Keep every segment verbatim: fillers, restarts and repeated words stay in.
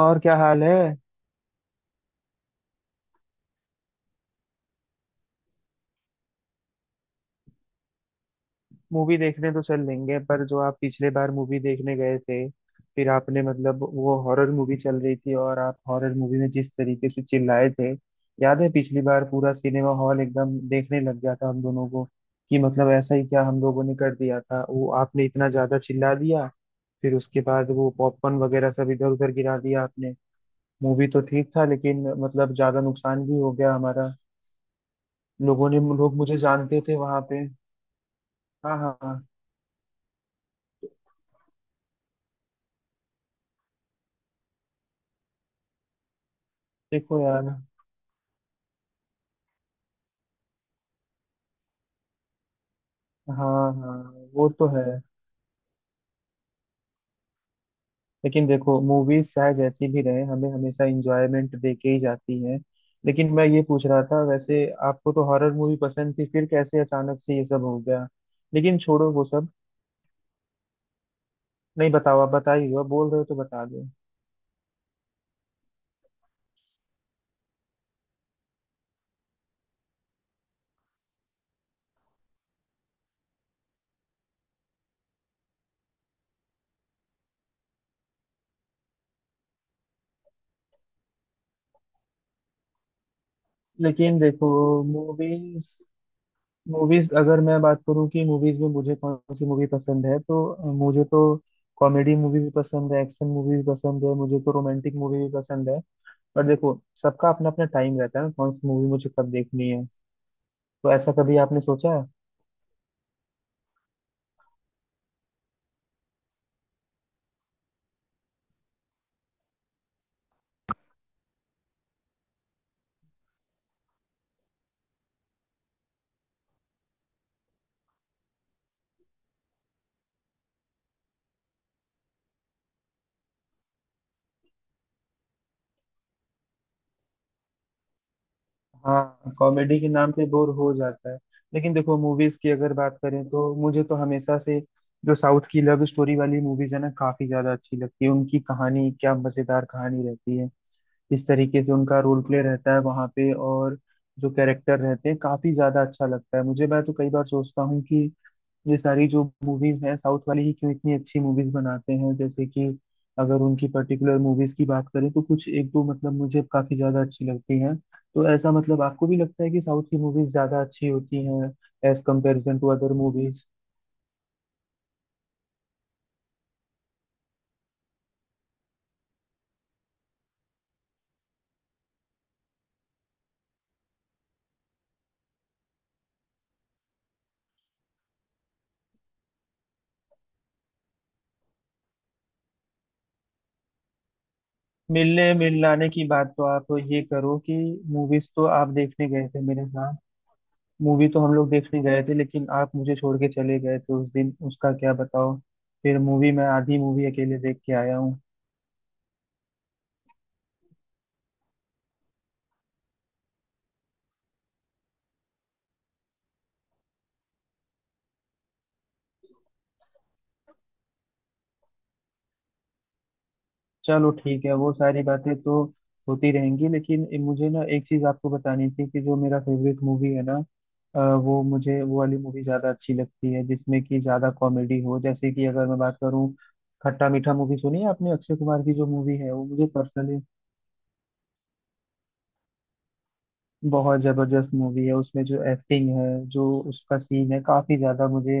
और क्या हाल है। मूवी देखने तो चल लेंगे पर जो आप पिछले बार मूवी देखने गए थे, फिर आपने मतलब वो हॉरर मूवी चल रही थी, और आप हॉरर मूवी में जिस तरीके से चिल्लाए थे, याद है पिछली बार पूरा सिनेमा हॉल एकदम देखने लग गया था हम दोनों को। कि मतलब ऐसा ही क्या हम लोगों ने कर दिया था, वो आपने इतना ज्यादा चिल्ला दिया, फिर उसके बाद वो पॉपकॉर्न वगैरह सब इधर उधर गिरा दिया आपने। मूवी तो ठीक था लेकिन मतलब ज्यादा नुकसान भी हो गया हमारा। लोगों ने, लोग मुझे जानते थे वहां पे। हाँ हाँ हाँ। देखो यार। हाँ हाँ, वो तो है। लेकिन देखो, मूवीज चाहे जैसी भी रहे, हमें हमेशा इंजॉयमेंट दे के ही जाती हैं। लेकिन मैं ये पूछ रहा था, वैसे आपको तो हॉरर मूवी पसंद थी, फिर कैसे अचानक से ये सब हो गया। लेकिन छोड़ो वो सब। नहीं बताओ, आप बता ही दो, आप बोल रहे हो तो बता दो। लेकिन देखो मूवीज मूवीज अगर मैं बात करूँ कि मूवीज में मुझे कौन सी मूवी पसंद है तो अ, मुझे तो कॉमेडी मूवी भी पसंद है, एक्शन मूवी भी पसंद है, मुझे तो रोमांटिक मूवी भी पसंद है। पर देखो सबका अपना अपना टाइम रहता है ना, कौन सी मूवी मुझे कब देखनी है। तो ऐसा कभी आपने सोचा है। हाँ, कॉमेडी के नाम पे बोर हो जाता है। लेकिन देखो, मूवीज की अगर बात करें तो मुझे तो हमेशा से जो साउथ की लव स्टोरी वाली मूवीज है ना, काफी ज्यादा अच्छी लगती है। उनकी कहानी क्या मजेदार कहानी रहती है, जिस तरीके से उनका रोल प्ले रहता है वहां पे, और जो कैरेक्टर रहते हैं, काफी ज्यादा अच्छा लगता है मुझे। मैं तो कई बार सोचता हूँ कि ये सारी जो मूवीज हैं, साउथ वाले ही क्यों इतनी अच्छी मूवीज बनाते हैं। जैसे कि अगर उनकी पर्टिकुलर मूवीज की बात करें तो कुछ एक दो, मतलब मुझे काफी ज्यादा अच्छी लगती हैं। तो ऐसा मतलब आपको भी लगता है कि साउथ की मूवीज ज्यादा अच्छी होती हैं as comparison to other movies. मिलने मिलाने की बात तो आप ये करो कि मूवीज तो आप देखने गए थे मेरे साथ, मूवी तो हम लोग देखने गए थे लेकिन आप मुझे छोड़ के चले गए थे उस दिन, उसका क्या बताओ। फिर मूवी, मैं आधी मूवी अकेले देख के आया हूँ। चलो ठीक है, वो सारी बातें तो होती रहेंगी, लेकिन मुझे ना एक चीज आपको बतानी थी कि जो मेरा फेवरेट मूवी है ना, अ, वो मुझे वो वाली मूवी ज्यादा अच्छी लगती है जिसमें कि ज्यादा कॉमेडी हो। जैसे कि अगर मैं बात करूँ, खट्टा मीठा मूवी सुनी है आपने, अक्षय कुमार की जो मूवी है, वो मुझे पर्सनली बहुत जबरदस्त मूवी है। उसमें जो एक्टिंग है, जो उसका सीन है, काफी ज्यादा मुझे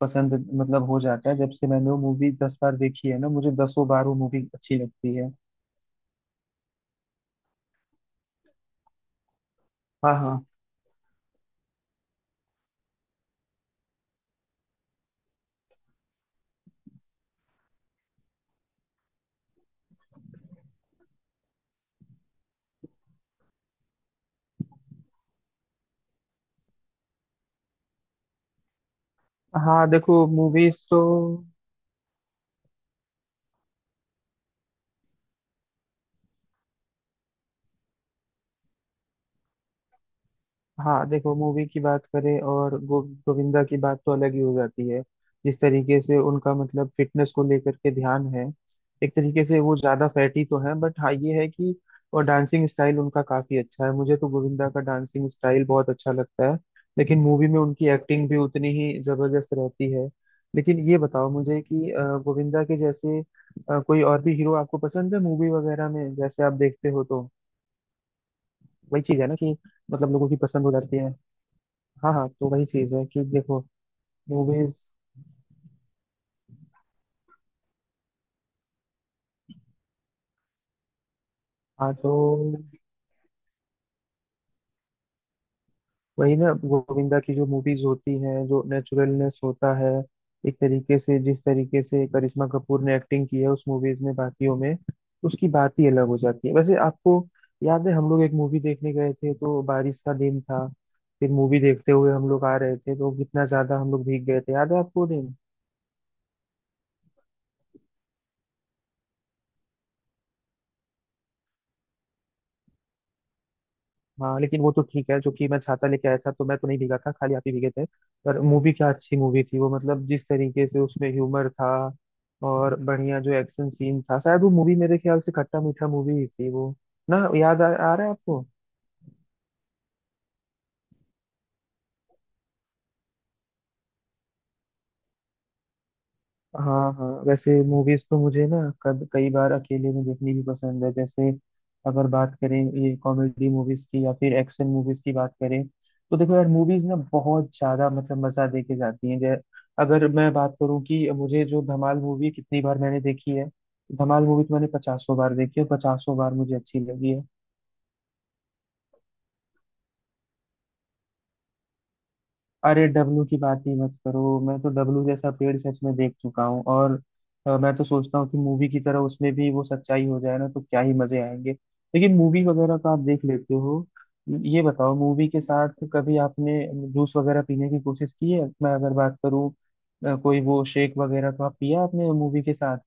पसंद मतलब हो जाता है। जब से मैंने वो मूवी दस बार देखी है ना, मुझे दसों बार वो मूवी अच्छी लगती है। हाँ हाँ हाँ, देखो मूवीज तो। हाँ देखो, मूवी की बात करें और गो, गोविंदा की बात तो अलग ही हो जाती है। जिस तरीके से उनका मतलब फिटनेस को लेकर के ध्यान है, एक तरीके से वो ज्यादा फैटी तो है, बट हाँ ये है कि और डांसिंग स्टाइल उनका काफी अच्छा है। मुझे तो गोविंदा का डांसिंग स्टाइल बहुत अच्छा लगता है। लेकिन मूवी में उनकी एक्टिंग भी उतनी ही जबरदस्त रहती है। लेकिन ये बताओ मुझे कि अ, गोविंदा के जैसे अ, कोई और भी हीरो आपको पसंद है मूवी वगैरह में, जैसे आप देखते हो तो। वही चीज है ना कि मतलब लोगों की पसंद हो जाती है। हाँ हाँ, तो वही चीज है कि देखो मूवीज। हाँ तो वही ना, गोविंदा की जो मूवीज होती हैं, जो नेचुरलनेस होता है एक तरीके से, जिस तरीके से करिश्मा कपूर ने एक्टिंग की है उस मूवीज में, बाकियों में उसकी बात ही अलग हो जाती है। वैसे आपको याद है, हम लोग एक मूवी देखने गए थे तो बारिश का दिन था, फिर मूवी देखते हुए हम लोग आ रहे थे तो कितना ज्यादा हम लोग भीग गए थे, याद है आपको वो दिन। हाँ लेकिन वो तो ठीक है, जो कि मैं छाता लेके आया था तो मैं तो नहीं भीगा था, खाली आप ही भीगे थे। पर मूवी क्या अच्छी मूवी थी वो, मतलब जिस तरीके से उसमें ह्यूमर था और बढ़िया जो एक्शन सीन था। शायद वो मूवी मेरे ख्याल से खट्टा मीठा मूवी ही थी वो ना, याद आ, आ रहा है आपको। हाँ हाँ, वैसे मूवीज तो मुझे ना कब कई बार अकेले में देखनी भी पसंद है। जैसे अगर बात करें ये कॉमेडी मूवीज की या फिर एक्शन मूवीज की बात करें, तो देखो यार मूवीज ना बहुत ज्यादा मतलब मजा दे के जाती हैं। जै अगर मैं बात करूँ कि मुझे जो धमाल मूवी कितनी बार मैंने देखी है, धमाल मूवी तो मैंने पचासों बार देखी है, पचासों बार मुझे अच्छी लगी है। अरे डब्लू की बात ही मत करो, मैं तो डब्लू जैसा पेड़ सच में देख चुका हूँ। और अ, मैं तो सोचता हूँ कि मूवी की तरह उसमें भी वो सच्चाई हो जाए ना तो क्या ही मजे आएंगे। लेकिन मूवी वगैरह तो आप देख लेते हो, ये बताओ मूवी के साथ कभी आपने जूस वगैरह पीने की कोशिश की है। मैं अगर बात करूँ, अ, कोई वो शेक वगैरह तो आप पिया आपने मूवी के साथ।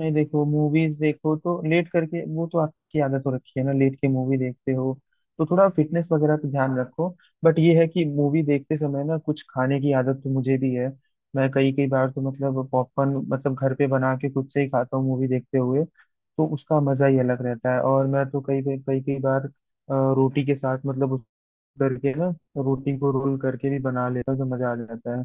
नहीं, देखो मूवीज, देखो तो लेट करके, वो तो आपकी आदत हो रखी है ना लेट के मूवी देखते हो, तो थोड़ा फिटनेस वगैरह पे ध्यान रखो। बट ये है कि मूवी देखते समय ना कुछ खाने की आदत तो मुझे भी है। मैं कई कई बार तो मतलब पॉपकॉर्न मतलब घर पे बना के खुद से ही खाता हूँ मूवी देखते हुए, तो उसका मजा ही अलग रहता है। और मैं तो कई कई कई कई बार अ, रोटी के साथ, मतलब उस करके ना रोटी को रोल करके भी बना लेता हूँ तो मजा आ जाता है।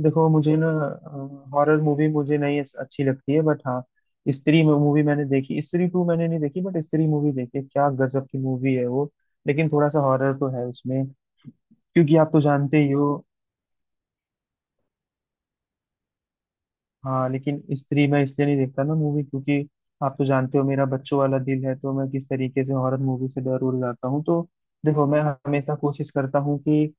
देखो मुझे ना हॉरर मूवी मुझे नहीं अस- अच्छी लगती है, बट हाँ स्त्री मूवी मैंने देखी, स्त्री टू मैंने नहीं देखी, बट स्त्री मूवी देखी, क्या गजब की मूवी है वो। लेकिन थोड़ा सा हॉरर तो है उसमें, क्योंकि आप तो जानते ही हो। हाँ लेकिन स्त्री मैं इसलिए नहीं देखता ना मूवी, क्योंकि आप तो जानते हो मेरा बच्चों वाला दिल है, तो मैं किस तरीके से हॉरर मूवी से डर उड़ जाता हूँ तो। देखो मैं हमेशा कोशिश करता हूँ कि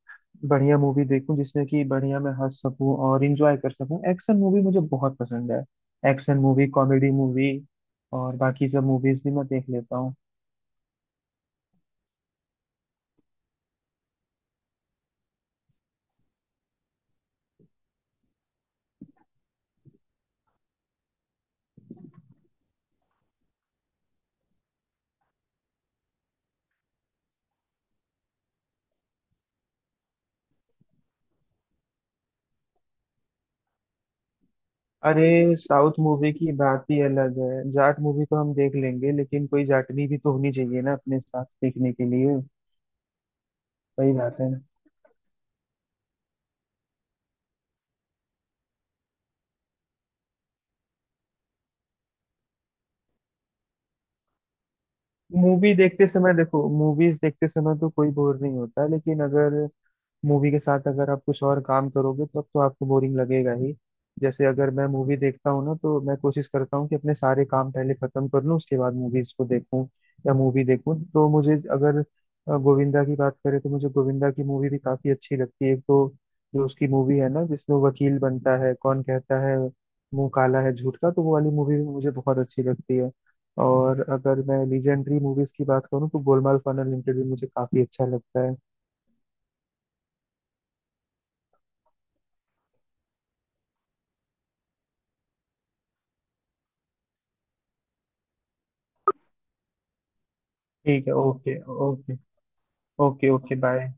बढ़िया मूवी देखूं, जिसमें कि बढ़िया मैं हंस सकूं और इंजॉय कर सकूं। एक्शन मूवी मुझे बहुत पसंद है, एक्शन मूवी, कॉमेडी मूवी, और बाकी सब मूवीज भी मैं देख लेता हूँ। अरे साउथ मूवी की बात ही अलग है, जाट मूवी तो हम देख लेंगे लेकिन कोई जाटनी भी तो होनी चाहिए ना अपने साथ देखने के लिए। सही बात है। मूवी देखते समय, देखो मूवीज देखते समय तो कोई बोर नहीं होता, लेकिन अगर मूवी के साथ अगर आप कुछ और काम करोगे तब तो आपको बोरिंग लगेगा ही। जैसे अगर मैं मूवी देखता हूँ ना, तो मैं कोशिश करता हूँ कि अपने सारे काम पहले खत्म कर लूँ, उसके बाद मूवीज को देखूँ। या मूवी देखूँ तो मुझे, अगर अ, गोविंदा की बात करें तो मुझे गोविंदा की मूवी भी काफी अच्छी लगती है। एक तो जो उसकी मूवी है ना जिसमें वो वकील बनता है, कौन कहता है मुंह काला है झूठ का, तो वो वाली मूवी भी मुझे बहुत अच्छी लगती है। और अगर मैं लीजेंडरी मूवीज की बात करूँ तो गोलमाल फन अनलिमिटेड भी मुझे काफी अच्छा लगता है। ठीक है, okay. Okay. Okay okay bye.